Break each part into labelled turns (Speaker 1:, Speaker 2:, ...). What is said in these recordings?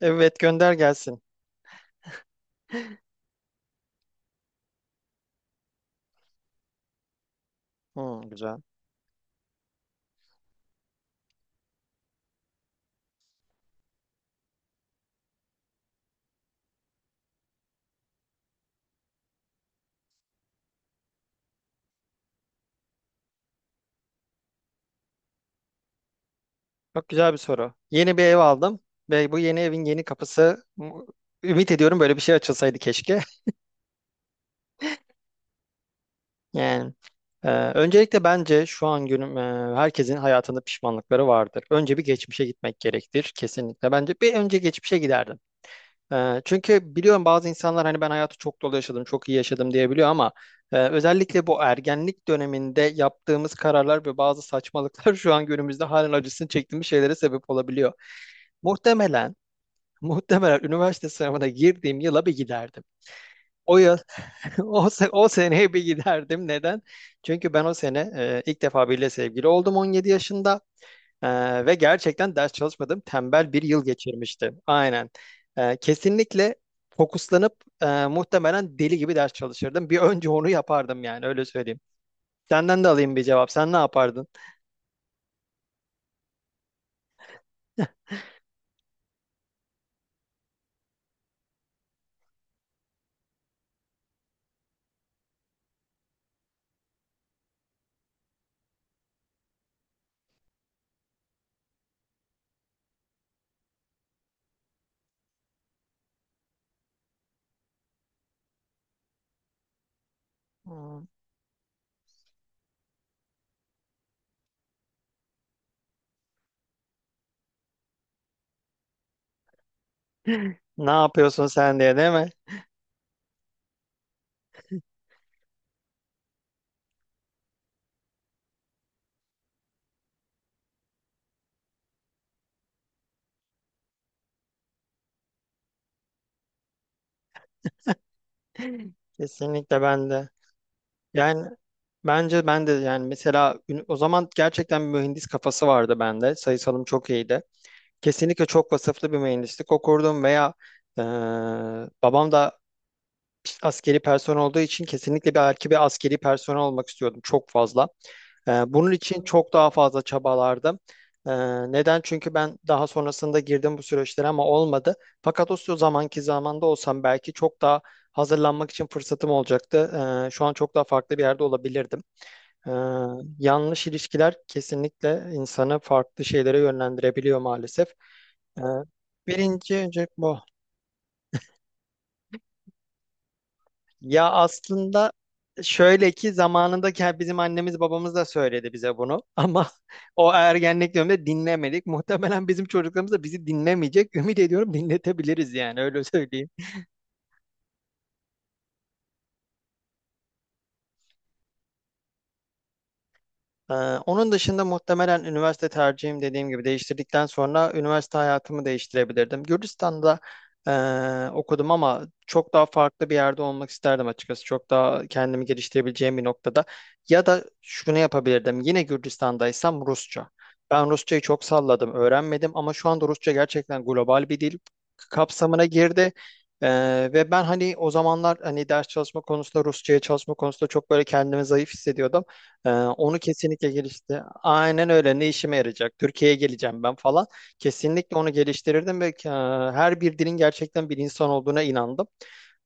Speaker 1: Evet gönder gelsin. Hmm, güzel. Çok güzel bir soru. Yeni bir ev aldım ve bu yeni evin yeni kapısı ümit ediyorum böyle bir şey açılsaydı keşke. Yani öncelikle bence şu an günüm herkesin hayatında pişmanlıkları vardır. Önce bir geçmişe gitmek gerektir kesinlikle. Bence bir önce geçmişe giderdim. Çünkü biliyorum bazı insanlar hani ben hayatı çok dolu yaşadım, çok iyi yaşadım diyebiliyor ama özellikle bu ergenlik döneminde yaptığımız kararlar ve bazı saçmalıklar şu an günümüzde halen acısını çektiğimiz şeylere sebep olabiliyor. Muhtemelen, muhtemelen üniversite sınavına girdiğim yıla bir giderdim. O yıl, o seneye bir giderdim. Neden? Çünkü ben o sene ilk defa biriyle sevgili oldum 17 yaşında. Ve gerçekten ders çalışmadım. Tembel bir yıl geçirmiştim. Aynen. Kesinlikle fokuslanıp muhtemelen deli gibi ders çalışırdım. Bir önce onu yapardım yani öyle söyleyeyim. Senden de alayım bir cevap. Sen ne yapardın? Hmm. Ne yapıyorsun sen diye değil mi? Kesinlikle ben de. Yani bence ben de yani mesela o zaman gerçekten bir mühendis kafası vardı bende. Sayısalım çok iyiydi. Kesinlikle çok vasıflı bir mühendislik okurdum veya eee, babam da askeri personel olduğu için kesinlikle bir erkek bir askeri personel olmak istiyordum çok fazla. Bunun için çok daha fazla çabalardım. Ee, neden? Çünkü ben daha sonrasında girdim bu süreçlere ama olmadı. Fakat o zamanki zamanda olsam belki çok daha hazırlanmak için fırsatım olacaktı. Şu an çok daha farklı bir yerde olabilirdim. Ee, yanlış ilişkiler kesinlikle insanı farklı şeylere yönlendirebiliyor maalesef. Ee, birinci öncelik bu. Ya aslında şöyle ki zamanında bizim annemiz babamız da söyledi bize bunu ama o ergenlik döneminde dinlemedik. Muhtemelen bizim çocuklarımız da bizi dinlemeyecek. Ümit ediyorum dinletebiliriz yani öyle söyleyeyim. Ee, onun dışında muhtemelen üniversite tercihim dediğim gibi değiştirdikten sonra üniversite hayatımı değiştirebilirdim. Gürcistan'da okudum ama çok daha farklı bir yerde olmak isterdim açıkçası. Çok daha kendimi geliştirebileceğim bir noktada. Ya da şunu yapabilirdim. Yine Gürcistan'daysam Rusça. Ben Rusçayı çok salladım, öğrenmedim ama şu anda Rusça gerçekten global bir dil kapsamına girdi. Ve ben hani o zamanlar hani ders çalışma konusunda Rusçaya çalışma konusunda çok böyle kendimi zayıf hissediyordum. Onu kesinlikle gelişti. Aynen öyle. Ne işime yarayacak? Türkiye'ye geleceğim ben falan. Kesinlikle onu geliştirirdim ve her bir dilin gerçekten bir insan olduğuna inandım.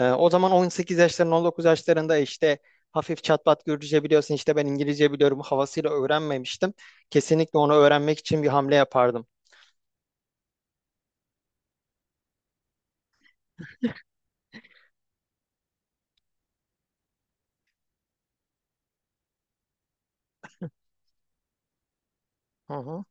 Speaker 1: O zaman 18 yaşlarında, 19 yaşlarında işte hafif çatpat Gürcüce biliyorsun, işte ben İngilizce biliyorum havasıyla öğrenmemiştim. Kesinlikle onu öğrenmek için bir hamle yapardım. Hı hı.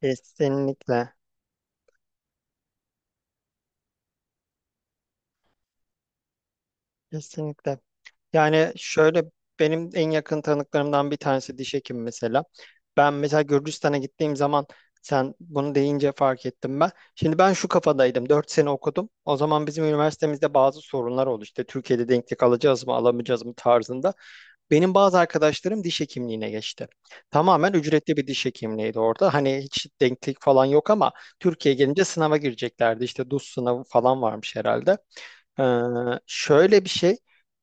Speaker 1: Kesinlikle. Kesinlikle. Yani şöyle benim en yakın tanıklarımdan bir tanesi diş hekimi mesela. Ben mesela Gürcistan'a gittiğim zaman sen bunu deyince fark ettim ben. Şimdi ben şu kafadaydım. 4 sene okudum. O zaman bizim üniversitemizde bazı sorunlar oldu. İşte Türkiye'de denklik alacağız mı alamayacağız mı tarzında. Benim bazı arkadaşlarım diş hekimliğine geçti. Tamamen ücretli bir diş hekimliğiydi orada. Hani hiç denklik falan yok ama Türkiye'ye gelince sınava gireceklerdi. İşte DUS sınavı falan varmış herhalde. Ee, şöyle bir şey.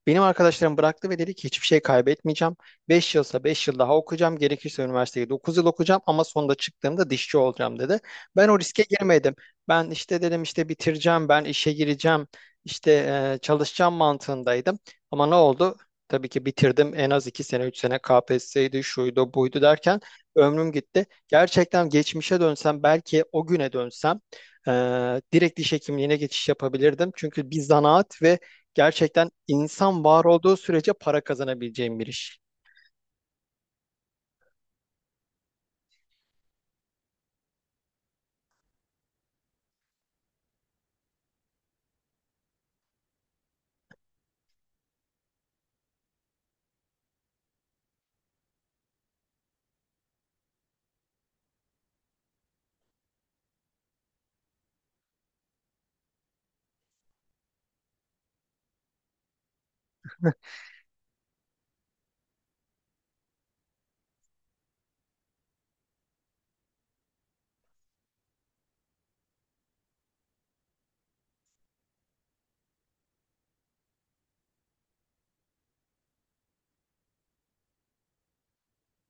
Speaker 1: Benim arkadaşlarım bıraktı ve dedi ki hiçbir şey kaybetmeyeceğim. 5 yılsa 5 yıl daha okuyacağım. Gerekirse üniversiteyi 9 yıl okuyacağım ama sonunda çıktığımda dişçi olacağım dedi. Ben o riske girmedim. Ben işte dedim işte bitireceğim, ben işe gireceğim, işte çalışacağım mantığındaydım. Ama ne oldu? Tabii ki bitirdim en az 2 sene 3 sene KPSS'ydi şuydu buydu derken ömrüm gitti. Gerçekten geçmişe dönsem belki o güne dönsem direkt diş hekimliğine geçiş yapabilirdim. Çünkü bir zanaat ve gerçekten insan var olduğu sürece para kazanabileceğim bir iş.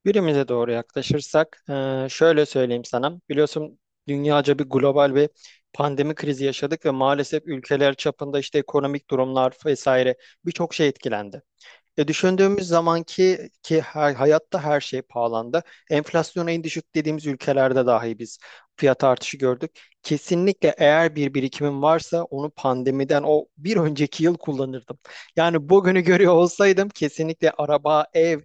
Speaker 1: Günümüze doğru yaklaşırsak, şöyle söyleyeyim sana. Biliyorsun dünyaca bir global bir pandemi krizi yaşadık ve maalesef ülkeler çapında işte ekonomik durumlar vesaire birçok şey etkilendi. Düşündüğümüz zaman ki hayatta her şey pahalandı. Enflasyona en düşük dediğimiz ülkelerde dahi biz fiyat artışı gördük. Kesinlikle eğer bir birikimim varsa onu pandemiden o bir önceki yıl kullanırdım. Yani bugünü görüyor olsaydım kesinlikle araba, ev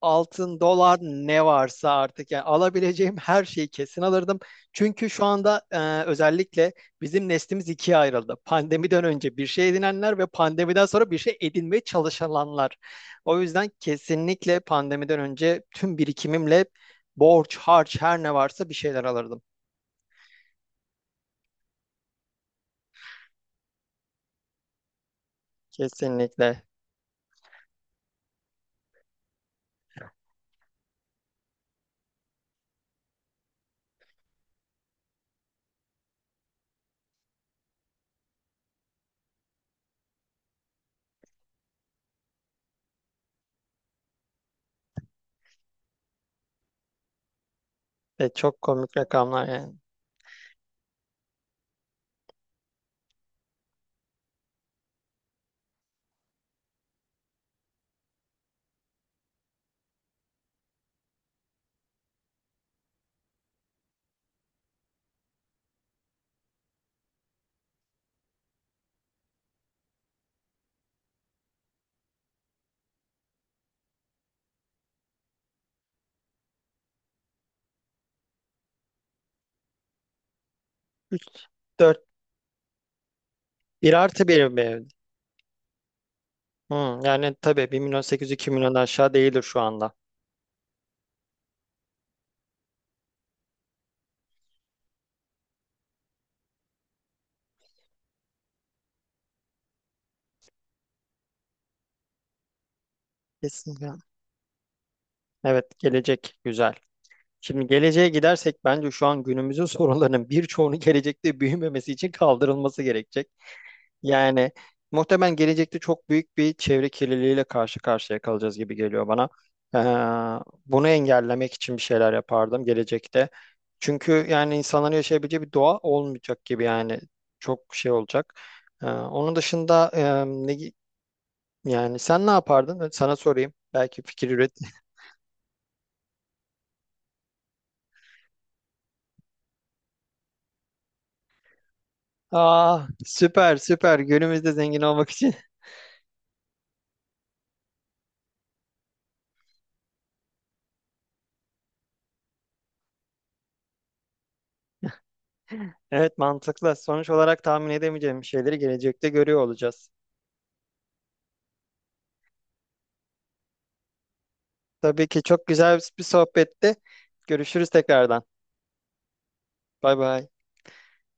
Speaker 1: altın, dolar ne varsa artık yani alabileceğim her şeyi kesin alırdım. Çünkü şu anda özellikle bizim neslimiz ikiye ayrıldı. Pandemiden önce bir şey edinenler ve pandemiden sonra bir şey edinmeye çalışanlar. O yüzden kesinlikle pandemiden önce tüm birikimimle borç, harç her ne varsa bir şeyler alırdım. Kesinlikle. Ve çok komik rakamlar yani. Dört bir artı bir mi? Hı, yani tabii 1 milyon 800 2 milyon aşağı değildir şu anda. Kesin. Evet, gelecek güzel. Şimdi geleceğe gidersek bence şu an günümüzün sorunlarının birçoğunu gelecekte büyümemesi için kaldırılması gerekecek. Yani muhtemelen gelecekte çok büyük bir çevre kirliliğiyle karşı karşıya kalacağız gibi geliyor bana. Ee, bunu engellemek için bir şeyler yapardım gelecekte. Çünkü yani insanların yaşayabileceği bir doğa olmayacak gibi yani çok şey olacak. Onun dışında yani sen ne yapardın? Sana sorayım. Belki fikir üret. Aa, süper süper. Günümüzde zengin olmak için. Evet mantıklı. Sonuç olarak tahmin edemeyeceğimiz şeyleri gelecekte görüyor olacağız. Tabii ki çok güzel bir sohbette. Görüşürüz tekrardan. Bay bay.